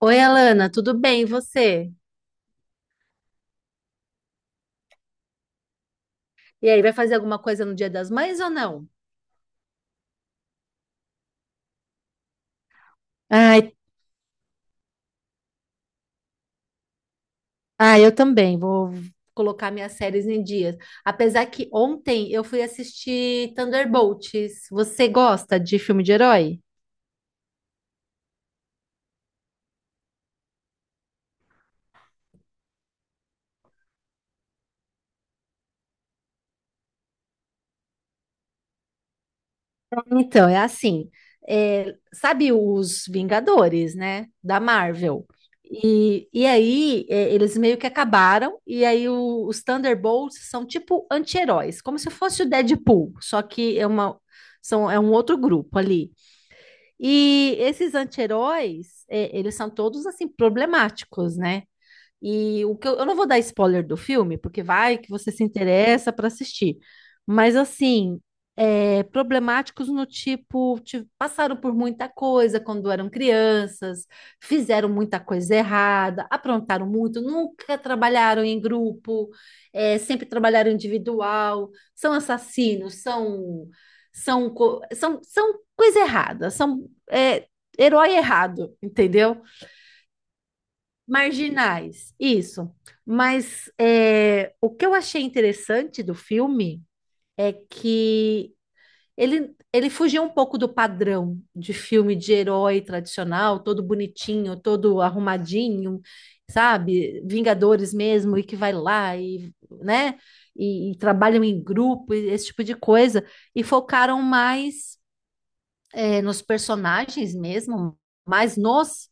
Oi, Alana, tudo bem? E você? E aí, vai fazer alguma coisa no Dia das Mães ou não? Ai, ah, eu também vou. Colocar minhas séries em dias. Apesar que ontem eu fui assistir Thunderbolts. Você gosta de filme de herói? Então, é assim, sabe os Vingadores, né, da Marvel? E aí eles meio que acabaram, e aí os Thunderbolts são tipo anti-heróis, como se fosse o Deadpool, só que é um outro grupo ali. E esses anti-heróis, eles são todos assim problemáticos, né? E o que eu não vou dar spoiler do filme, porque vai que você se interessa para assistir. Mas assim, problemáticos no tipo, passaram por muita coisa quando eram crianças, fizeram muita coisa errada, aprontaram muito, nunca trabalharam em grupo, sempre trabalharam individual, são assassinos, são coisa errada, são herói errado, entendeu? Marginais, isso. Mas o que eu achei interessante do filme é que ele fugiu um pouco do padrão de filme de herói tradicional, todo bonitinho, todo arrumadinho, sabe? Vingadores mesmo, e que vai lá e, né? E trabalham em grupo, e esse tipo de coisa. E focaram mais, nos personagens mesmo, mais nos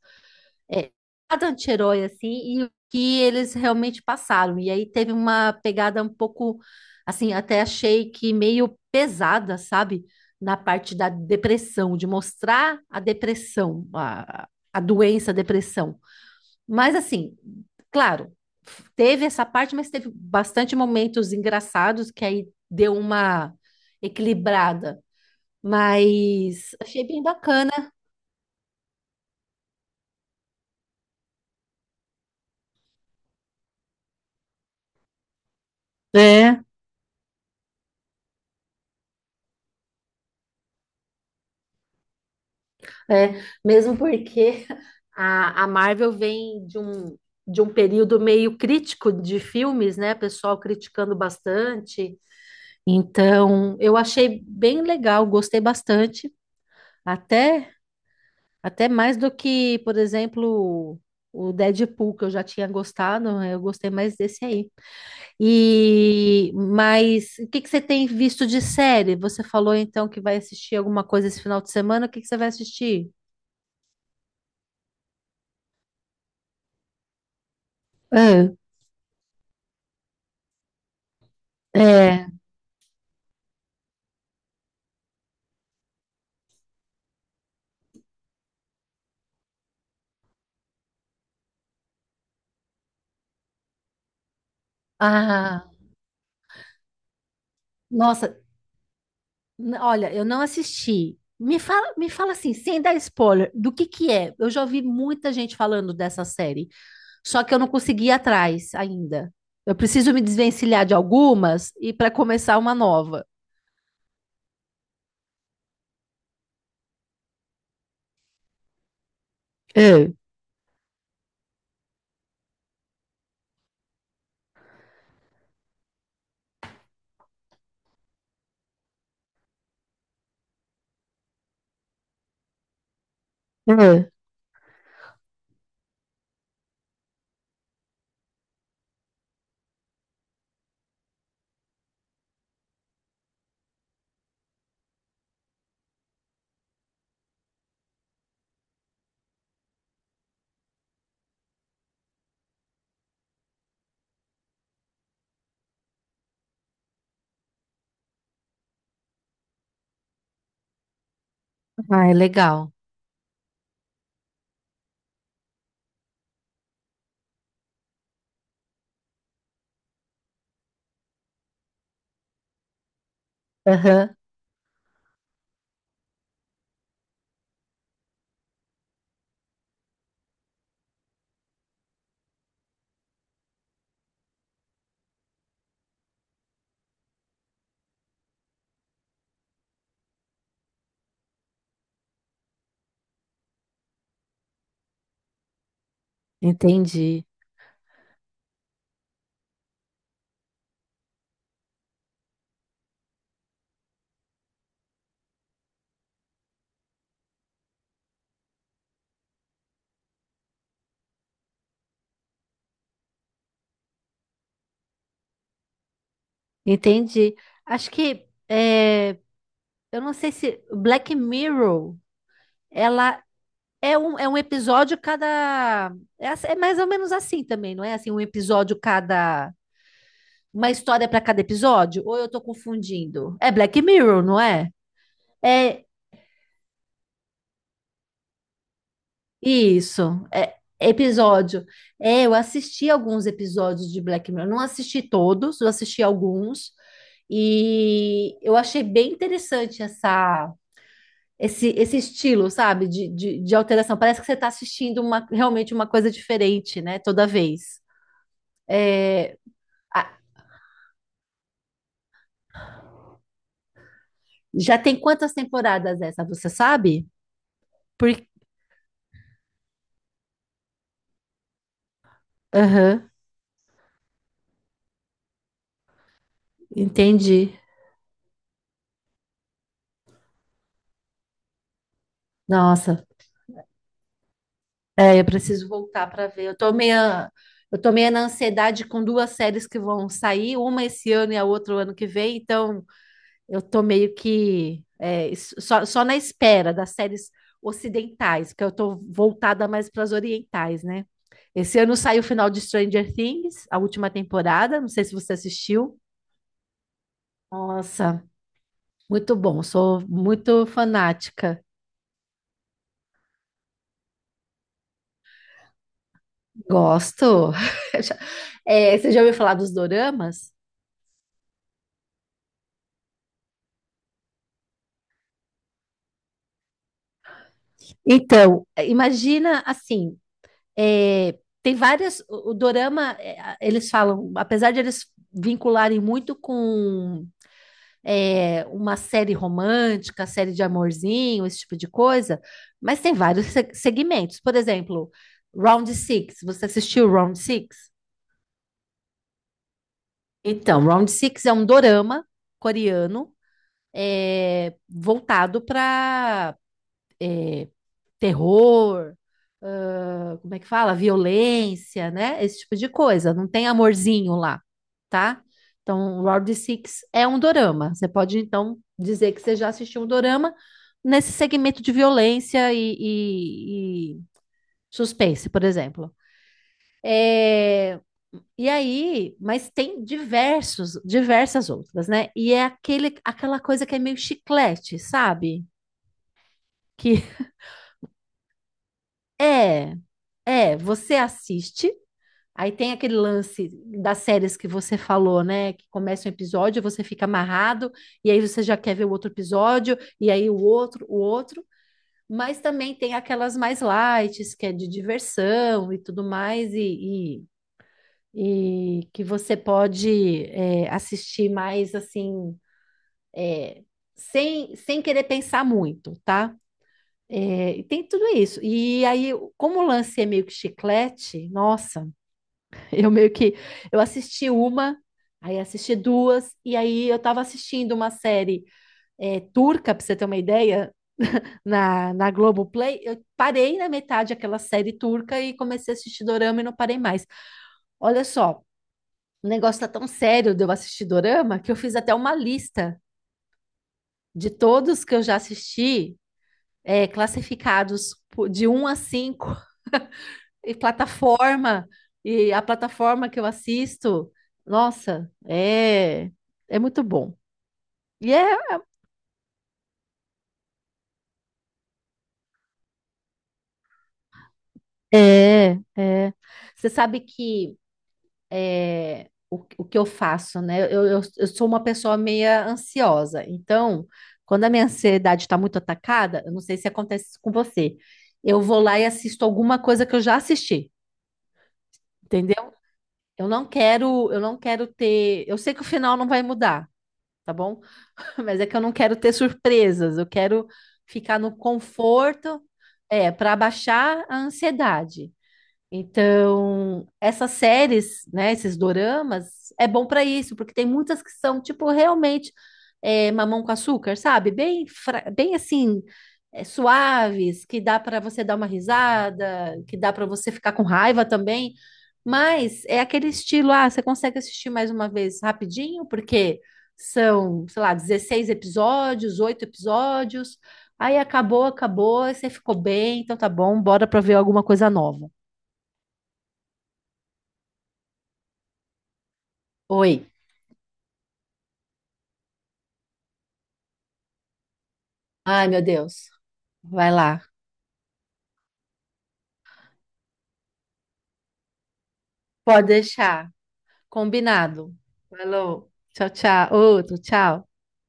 é, cada anti-herói, assim, e o que eles realmente passaram. E aí teve uma pegada um pouco, assim, até achei que meio pesada, sabe? Na parte da depressão, de mostrar a depressão, a doença, a depressão. Mas, assim, claro, teve essa parte, mas teve bastante momentos engraçados que aí deu uma equilibrada. Mas achei bem bacana. É, mesmo porque A Marvel vem de um, período meio crítico de filmes, né? Pessoal criticando bastante. Então, eu achei bem legal, gostei bastante. Até, até mais do que, por exemplo, o Deadpool, que eu já tinha gostado, né? Eu gostei mais desse aí. Mas o que que você tem visto de série? Você falou então que vai assistir alguma coisa esse final de semana, o que que você vai assistir? É, é. Ah, nossa, olha, eu não assisti. Me fala assim, sem dar spoiler, do que é? Eu já ouvi muita gente falando dessa série, só que eu não consegui ir atrás ainda. Eu preciso me desvencilhar de algumas e para começar uma nova. É, é. Ah, é legal. Aham, entendi. Entendi. Acho que eu não sei se Black Mirror, ela é um episódio cada. É mais ou menos assim também, não é? Assim, um episódio cada. Uma história para cada episódio? Ou eu tô confundindo? É Black Mirror, não é? É isso. É episódio. Eu assisti alguns episódios de Black Mirror. Não assisti todos, eu assisti alguns. E eu achei bem interessante esse estilo, sabe, de alteração. Parece que você está assistindo realmente uma coisa diferente, né, toda vez. É, a- Já tem quantas temporadas essa, você sabe? Por. Aham, entendi. Nossa, eu preciso voltar para ver. Eu tô meio na ansiedade com duas séries que vão sair, uma esse ano e a outra o ano que vem, então eu tô meio que só na espera das séries ocidentais, porque eu tô voltada mais para as orientais, né? Esse ano saiu o final de Stranger Things, a última temporada, não sei se você assistiu. Nossa, muito bom, sou muito fanática. Gosto. Você já ouviu falar dos doramas? Então, imagina assim, tem várias. O dorama, eles falam, apesar de eles vincularem muito com uma série romântica, série de amorzinho, esse tipo de coisa, mas tem vários segmentos. Por exemplo, Round Six. Você assistiu Round Six? Então, Round Six é um dorama coreano voltado para terror, ah, como é que fala? Violência, né? Esse tipo de coisa. Não tem amorzinho lá, tá? Então, Round Six é um dorama. Você pode, então, dizer que você já assistiu um dorama nesse segmento de violência e suspense, por exemplo. É, E aí, mas tem diversas outras, né? E é aquela coisa que é meio chiclete, sabe? Que é, você assiste. Aí tem aquele lance das séries que você falou, né? Que começa um episódio, você fica amarrado, e aí você já quer ver o outro episódio, e aí o outro, o outro. Mas também tem aquelas mais light, que é de diversão e tudo mais, e que você pode assistir mais assim, é, sem querer pensar muito, tá? E tem tudo isso. E aí, como o lance é meio que chiclete, nossa. Eu meio que eu assisti uma, aí assisti duas, e aí eu tava assistindo uma série turca, pra você ter uma ideia, na Globoplay. Eu parei na metade aquela série turca e comecei a assistir Dorama e não parei mais. Olha só, o negócio tá tão sério de eu assistir Dorama que eu fiz até uma lista de todos que eu já assisti, classificados de 1 a 5, E plataforma, e a plataforma que eu assisto, nossa, é muito bom. E é, é, é. Você sabe que é, o que eu faço, né? Eu sou uma pessoa meia ansiosa, então, quando a minha ansiedade está muito atacada, eu não sei se acontece isso com você, eu vou lá e assisto alguma coisa que eu já assisti, entendeu? Eu não quero ter, eu sei que o final não vai mudar, tá bom? Mas é que eu não quero ter surpresas, eu quero ficar no conforto, para abaixar a ansiedade. Então, essas séries, né, esses doramas, é bom para isso, porque tem muitas que são, tipo, realmente mamão com açúcar, sabe? Bem, bem assim, suaves, que dá para você dar uma risada, que dá para você ficar com raiva também. Mas é aquele estilo, ah, você consegue assistir mais uma vez rapidinho, porque são, sei lá, 16 episódios, 8 episódios. Aí acabou, acabou, aí você ficou bem, então tá bom, bora para ver alguma coisa nova. Oi. Ai, meu Deus. Vai lá. Pode deixar. Combinado. Falou. Tchau, tchau. Outro, tchau.